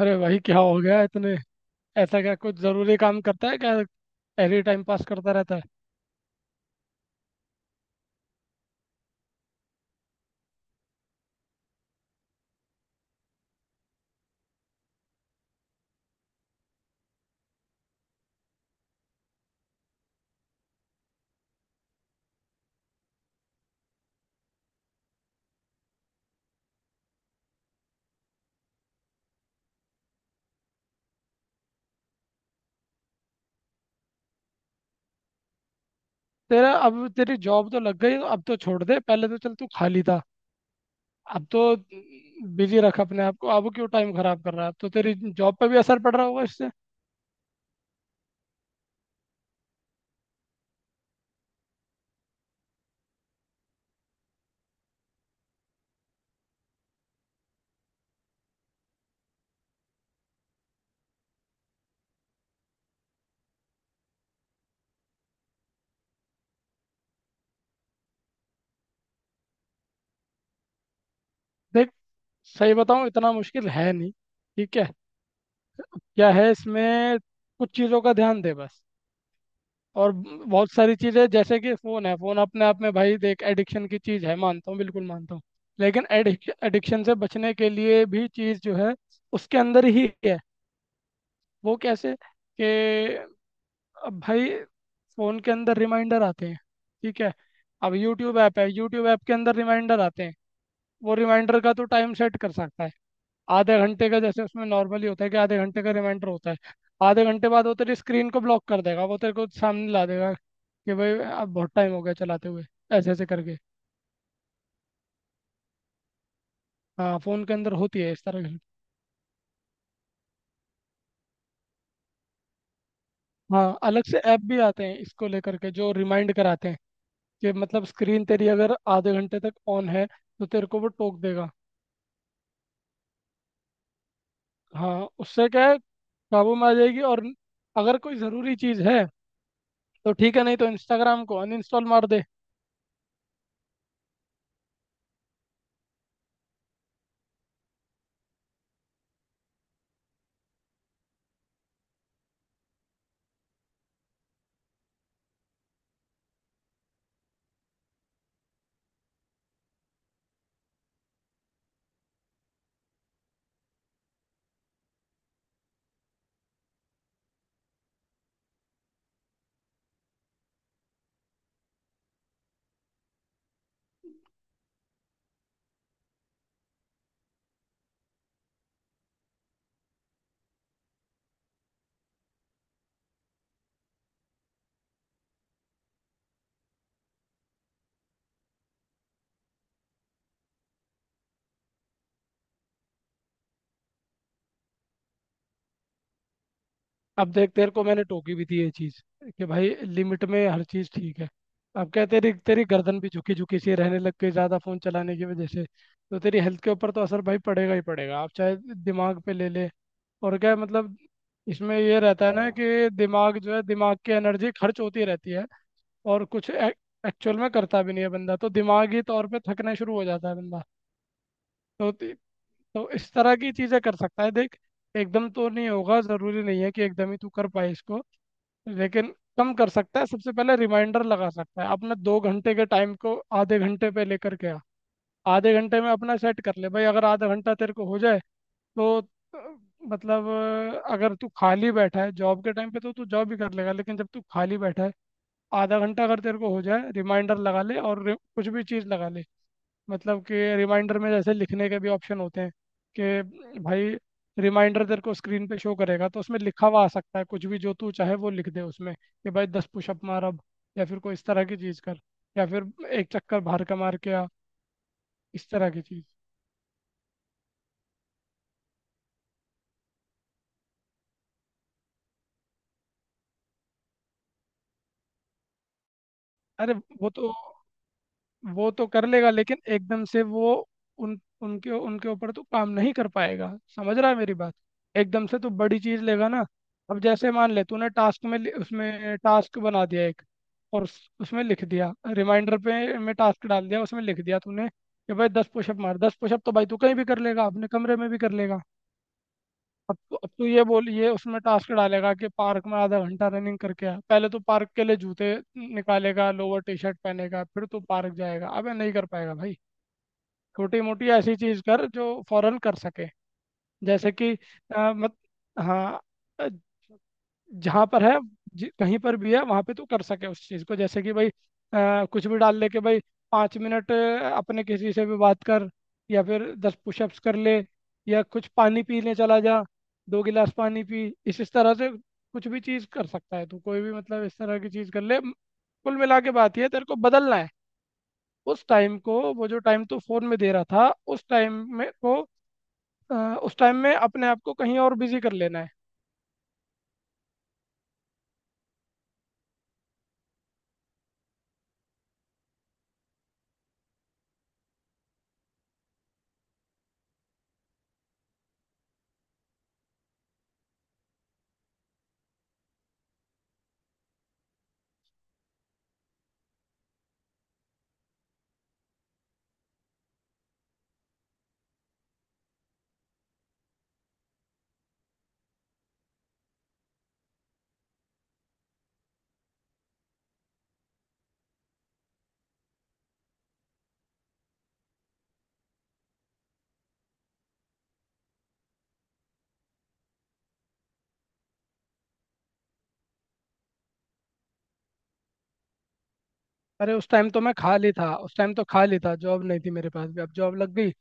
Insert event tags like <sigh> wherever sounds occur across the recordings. अरे भाई, क्या हो गया इतने? ऐसा क्या कुछ जरूरी काम करता है क्या? एनी टाइम पास करता रहता है? तेरा अब तेरी जॉब तो लग गई। अब तो छोड़ दे। पहले तो चल तू खाली था, अब तो बिजी रख अपने आप को। अब क्यों टाइम खराब कर रहा है? अब तो तेरी जॉब पे भी असर पड़ रहा होगा इससे। देख, सही बताऊं, इतना मुश्किल है नहीं, ठीक है? क्या है इसमें, कुछ चीज़ों का ध्यान दे बस। और बहुत सारी चीज़ें, जैसे कि फ़ोन है। फ़ोन अपने आप में, भाई देख, एडिक्शन की चीज़ है, मानता हूँ, बिल्कुल मानता हूँ, लेकिन एडिक्शन से बचने के लिए भी चीज़ जो है उसके अंदर ही है। वो कैसे कि अब भाई, फ़ोन के अंदर रिमाइंडर आते हैं, ठीक है। अब यूट्यूब ऐप है, यूट्यूब ऐप के अंदर रिमाइंडर आते हैं। वो रिमाइंडर का तो टाइम सेट कर सकता है आधे घंटे का, जैसे उसमें नॉर्मली होता है कि आधे घंटे का रिमाइंडर होता है। आधे घंटे बाद वो तेरी स्क्रीन को ब्लॉक कर देगा, वो तेरे को सामने ला देगा कि भाई अब बहुत टाइम हो गया चलाते हुए, ऐसे ऐसे करके। हाँ, फ़ोन के अंदर होती है इस तरह की। हाँ, अलग से ऐप भी आते हैं इसको लेकर के, जो रिमाइंड कराते हैं कि मतलब स्क्रीन तेरी अगर आधे घंटे तक ऑन है तो तेरे को वो टोक देगा। हाँ, उससे क्या है, काबू में आ जाएगी। और अगर कोई ज़रूरी चीज़ है तो ठीक है, नहीं तो इंस्टाग्राम को अनइंस्टॉल मार दे। अब देख, तेरे को मैंने टोकी भी थी ये चीज, कि भाई लिमिट में हर चीज ठीक है। अब क्या है, तेरी तेरी गर्दन भी झुकी झुकी सी रहने लग गई ज्यादा फोन चलाने की वजह से, तो तेरी हेल्थ के ऊपर तो असर भाई पड़ेगा ही पड़ेगा, आप चाहे दिमाग पे ले ले। और क्या है, मतलब इसमें ये रहता है ना कि दिमाग जो है, दिमाग की एनर्जी खर्च होती रहती है और कुछ एक्चुअल में करता भी नहीं है बंदा, तो दिमागी तौर पे थकना शुरू हो जाता है बंदा। तो ती- तो इस तरह की चीज़ें कर सकता है, देख। एकदम तो नहीं होगा, ज़रूरी नहीं है कि एकदम ही तू कर पाए इसको, लेकिन कम कर सकता है। सबसे पहले रिमाइंडर लगा सकता है अपने 2 घंटे के टाइम को आधे घंटे पे लेकर के आ। आधे घंटे में अपना सेट कर ले भाई, अगर आधा घंटा तेरे को हो जाए तो अ, मतलब अगर तू खाली बैठा है जॉब के टाइम पे तो तू जॉब भी कर लेगा, लेकिन जब तू खाली बैठा है, आधा घंटा अगर तेरे को हो जाए, रिमाइंडर लगा ले और कुछ भी चीज़ लगा ले। मतलब कि रिमाइंडर में जैसे लिखने के भी ऑप्शन होते हैं कि भाई, रिमाइंडर तेरे को स्क्रीन पे शो करेगा, तो उसमें लिखा हुआ आ सकता है, कुछ भी जो तू चाहे वो लिख दे उसमें, कि भाई 10 पुशअप मार अब, या फिर कोई इस तरह की चीज़ कर, या फिर एक चक्कर बाहर का मार के आ, इस तरह की चीज़। अरे, वो तो वो तो कर लेगा, लेकिन एकदम से वो उन उनके उनके ऊपर तो काम नहीं कर पाएगा। समझ रहा है मेरी बात? एकदम से तो बड़ी चीज लेगा ना। अब जैसे मान ले तूने टास्क में उसमें टास्क बना दिया एक, और उसमें लिख दिया, रिमाइंडर पे में टास्क डाल दिया, उसमें लिख दिया तूने कि भाई दस पुशअप मार। दस पुशअप तो भाई तू कहीं भी कर लेगा, अपने कमरे में भी कर लेगा। अब तो ये बोलिए उसमें टास्क डालेगा कि पार्क में आधा घंटा रनिंग करके आ, पहले तो पार्क के लिए जूते निकालेगा, लोअर टी शर्ट पहनेगा, फिर तो पार्क जाएगा। अबे नहीं कर पाएगा भाई। छोटी मोटी ऐसी चीज कर जो फौरन कर सके, जैसे कि अ, मत हाँ, जहाँ पर है, कहीं पर भी है वहाँ पे तू कर सके उस चीज़ को। जैसे कि भाई कुछ भी डाल ले के भाई, 5 मिनट अपने किसी से भी बात कर, या फिर 10 पुशअप्स कर ले, या कुछ पानी पीने चला जा, 2 गिलास पानी पी। इस तरह से कुछ भी चीज़ कर सकता है तू, कोई भी, मतलब इस तरह की चीज़ कर ले। कुल मिला के बात ये है, तेरे को बदलना है उस टाइम को, वो जो टाइम तू फोन में दे रहा था, उस टाइम में को अ, उस टाइम में अपने आप को कहीं और बिजी कर लेना है। अरे, उस टाइम तो मैं खाली था, उस टाइम तो खाली था, जॉब नहीं थी मेरे पास भी। अब जॉब लग गई,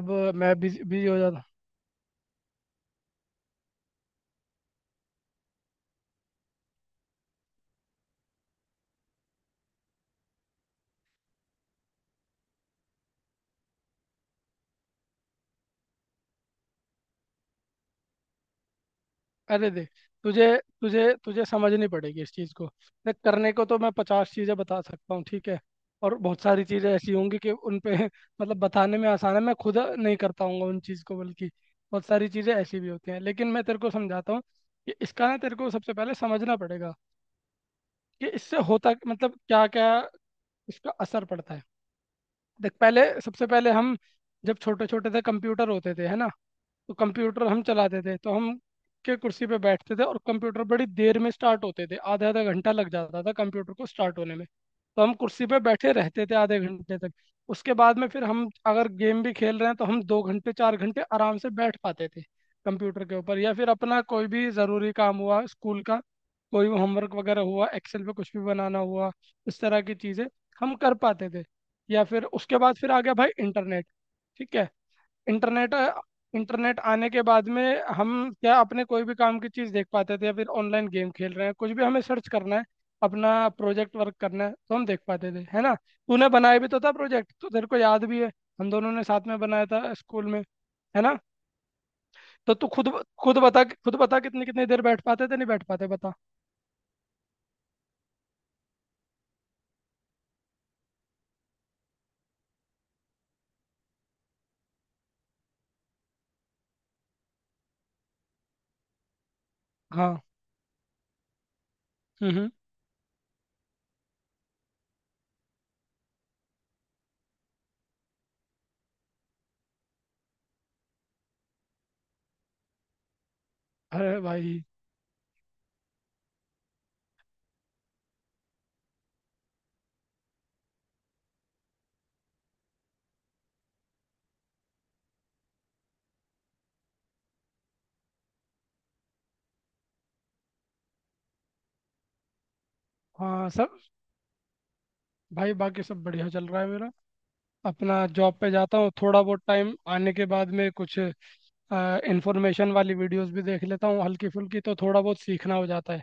अब मैं बिजी बिजी हो जाता। अरे देख, तुझे तुझे तुझे समझनी पड़ेगी इस चीज़ को। देख, करने को तो मैं 50 चीज़ें बता सकता हूँ, ठीक है। और बहुत सारी चीज़ें ऐसी होंगी कि उन पे <laughs> मतलब बताने में आसान है, मैं खुद नहीं कर पाऊंगा उन चीज़ को, बल्कि बहुत सारी चीज़ें ऐसी भी होती हैं। लेकिन मैं तेरे को समझाता हूँ, कि इसका ना तेरे को सबसे पहले समझना पड़ेगा कि इससे होता मतलब क्या क्या इसका असर पड़ता है। देख, पहले सबसे पहले हम जब छोटे छोटे थे, कंप्यूटर होते थे, है ना। तो कंप्यूटर हम चलाते थे, तो हम के कुर्सी पे बैठते थे, और कंप्यूटर बड़ी देर में स्टार्ट होते थे, आधा आधा घंटा लग जाता था कंप्यूटर को स्टार्ट होने में। तो हम कुर्सी पे बैठे रहते थे आधे घंटे तक। उसके बाद में फिर हम अगर गेम भी खेल रहे हैं तो हम 2 घंटे 4 घंटे आराम से बैठ पाते थे कंप्यूटर के ऊपर, या फिर अपना कोई भी ज़रूरी काम हुआ स्कूल का, कोई होमवर्क वगैरह हुआ, एक्सेल पे कुछ भी बनाना हुआ, इस तरह की चीज़ें हम कर पाते थे। या फिर उसके बाद फिर आ गया भाई इंटरनेट, ठीक है। इंटरनेट इंटरनेट आने के बाद में हम क्या अपने कोई भी काम की चीज़ देख पाते थे, या फिर ऑनलाइन गेम खेल रहे हैं, कुछ भी हमें सर्च करना है अपना प्रोजेक्ट वर्क करना है, तो हम देख पाते थे, है ना। तूने बनाया भी तो था प्रोजेक्ट, तो तेरे को याद भी है। हम दोनों ने साथ में बनाया था स्कूल में, है ना। तो तू खुद खुद बता कितनी कितनी देर बैठ पाते थे, नहीं बैठ पाते, बता। हाँ। हम्म हम्म। अरे भाई, हाँ सब, भाई बाकी सब बढ़िया चल रहा है मेरा। अपना जॉब पे जाता हूँ, थोड़ा बहुत टाइम आने के बाद में कुछ इंफॉर्मेशन वाली वीडियोस भी देख लेता हूँ हल्की फुल्की, तो थोड़ा बहुत सीखना हो जाता है।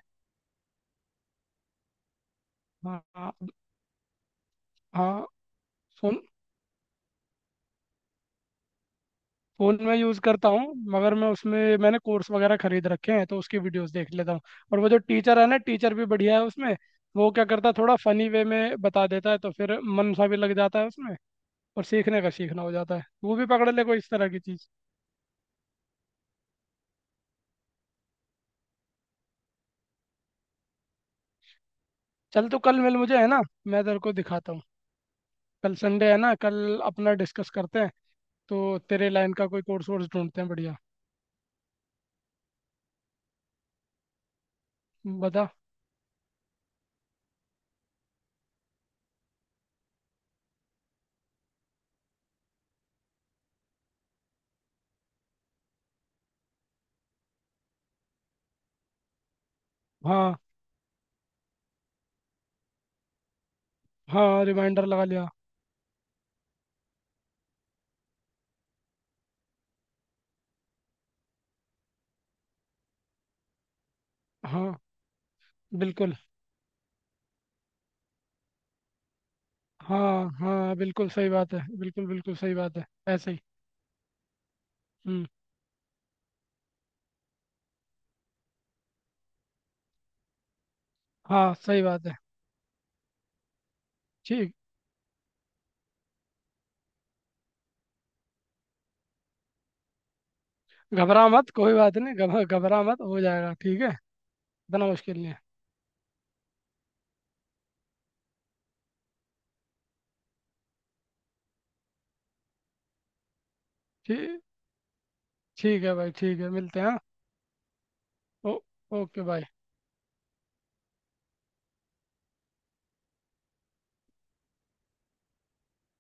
हाँ हाँ हाँ, फोन फोन में यूज़ करता हूँ। मगर मैं उसमें मैंने कोर्स वगैरह खरीद रखे हैं तो उसकी वीडियोस देख लेता हूँ। और वो जो टीचर है ना, टीचर भी बढ़िया है उसमें। वो क्या करता है, थोड़ा फनी वे में बता देता है, तो फिर मन सा भी लग जाता है उसमें, और सीखने का सीखना हो जाता है। वो भी पकड़ ले कोई इस तरह की चीज़। चल, तो कल मिल मुझे, है ना। मैं तेरे को दिखाता हूँ। कल संडे है ना, कल अपना डिस्कस करते हैं, तो तेरे लाइन का कोई कोर्स वोर्स ढूंढते हैं बढ़िया। बता। हाँ हाँ, रिमाइंडर लगा लिया। हाँ बिल्कुल। हाँ हाँ, बिल्कुल सही बात है, बिल्कुल बिल्कुल सही बात है। ऐसे ही। हम्म। हाँ, सही बात है। ठीक। घबरा मत, कोई बात नहीं, घबरा घबरा मत हो जाएगा, ठीक है। इतना मुश्किल नहीं है। ठीक। ठीक है भाई, ठीक है, मिलते हैं, हाँ। ओ- ओके, बाय।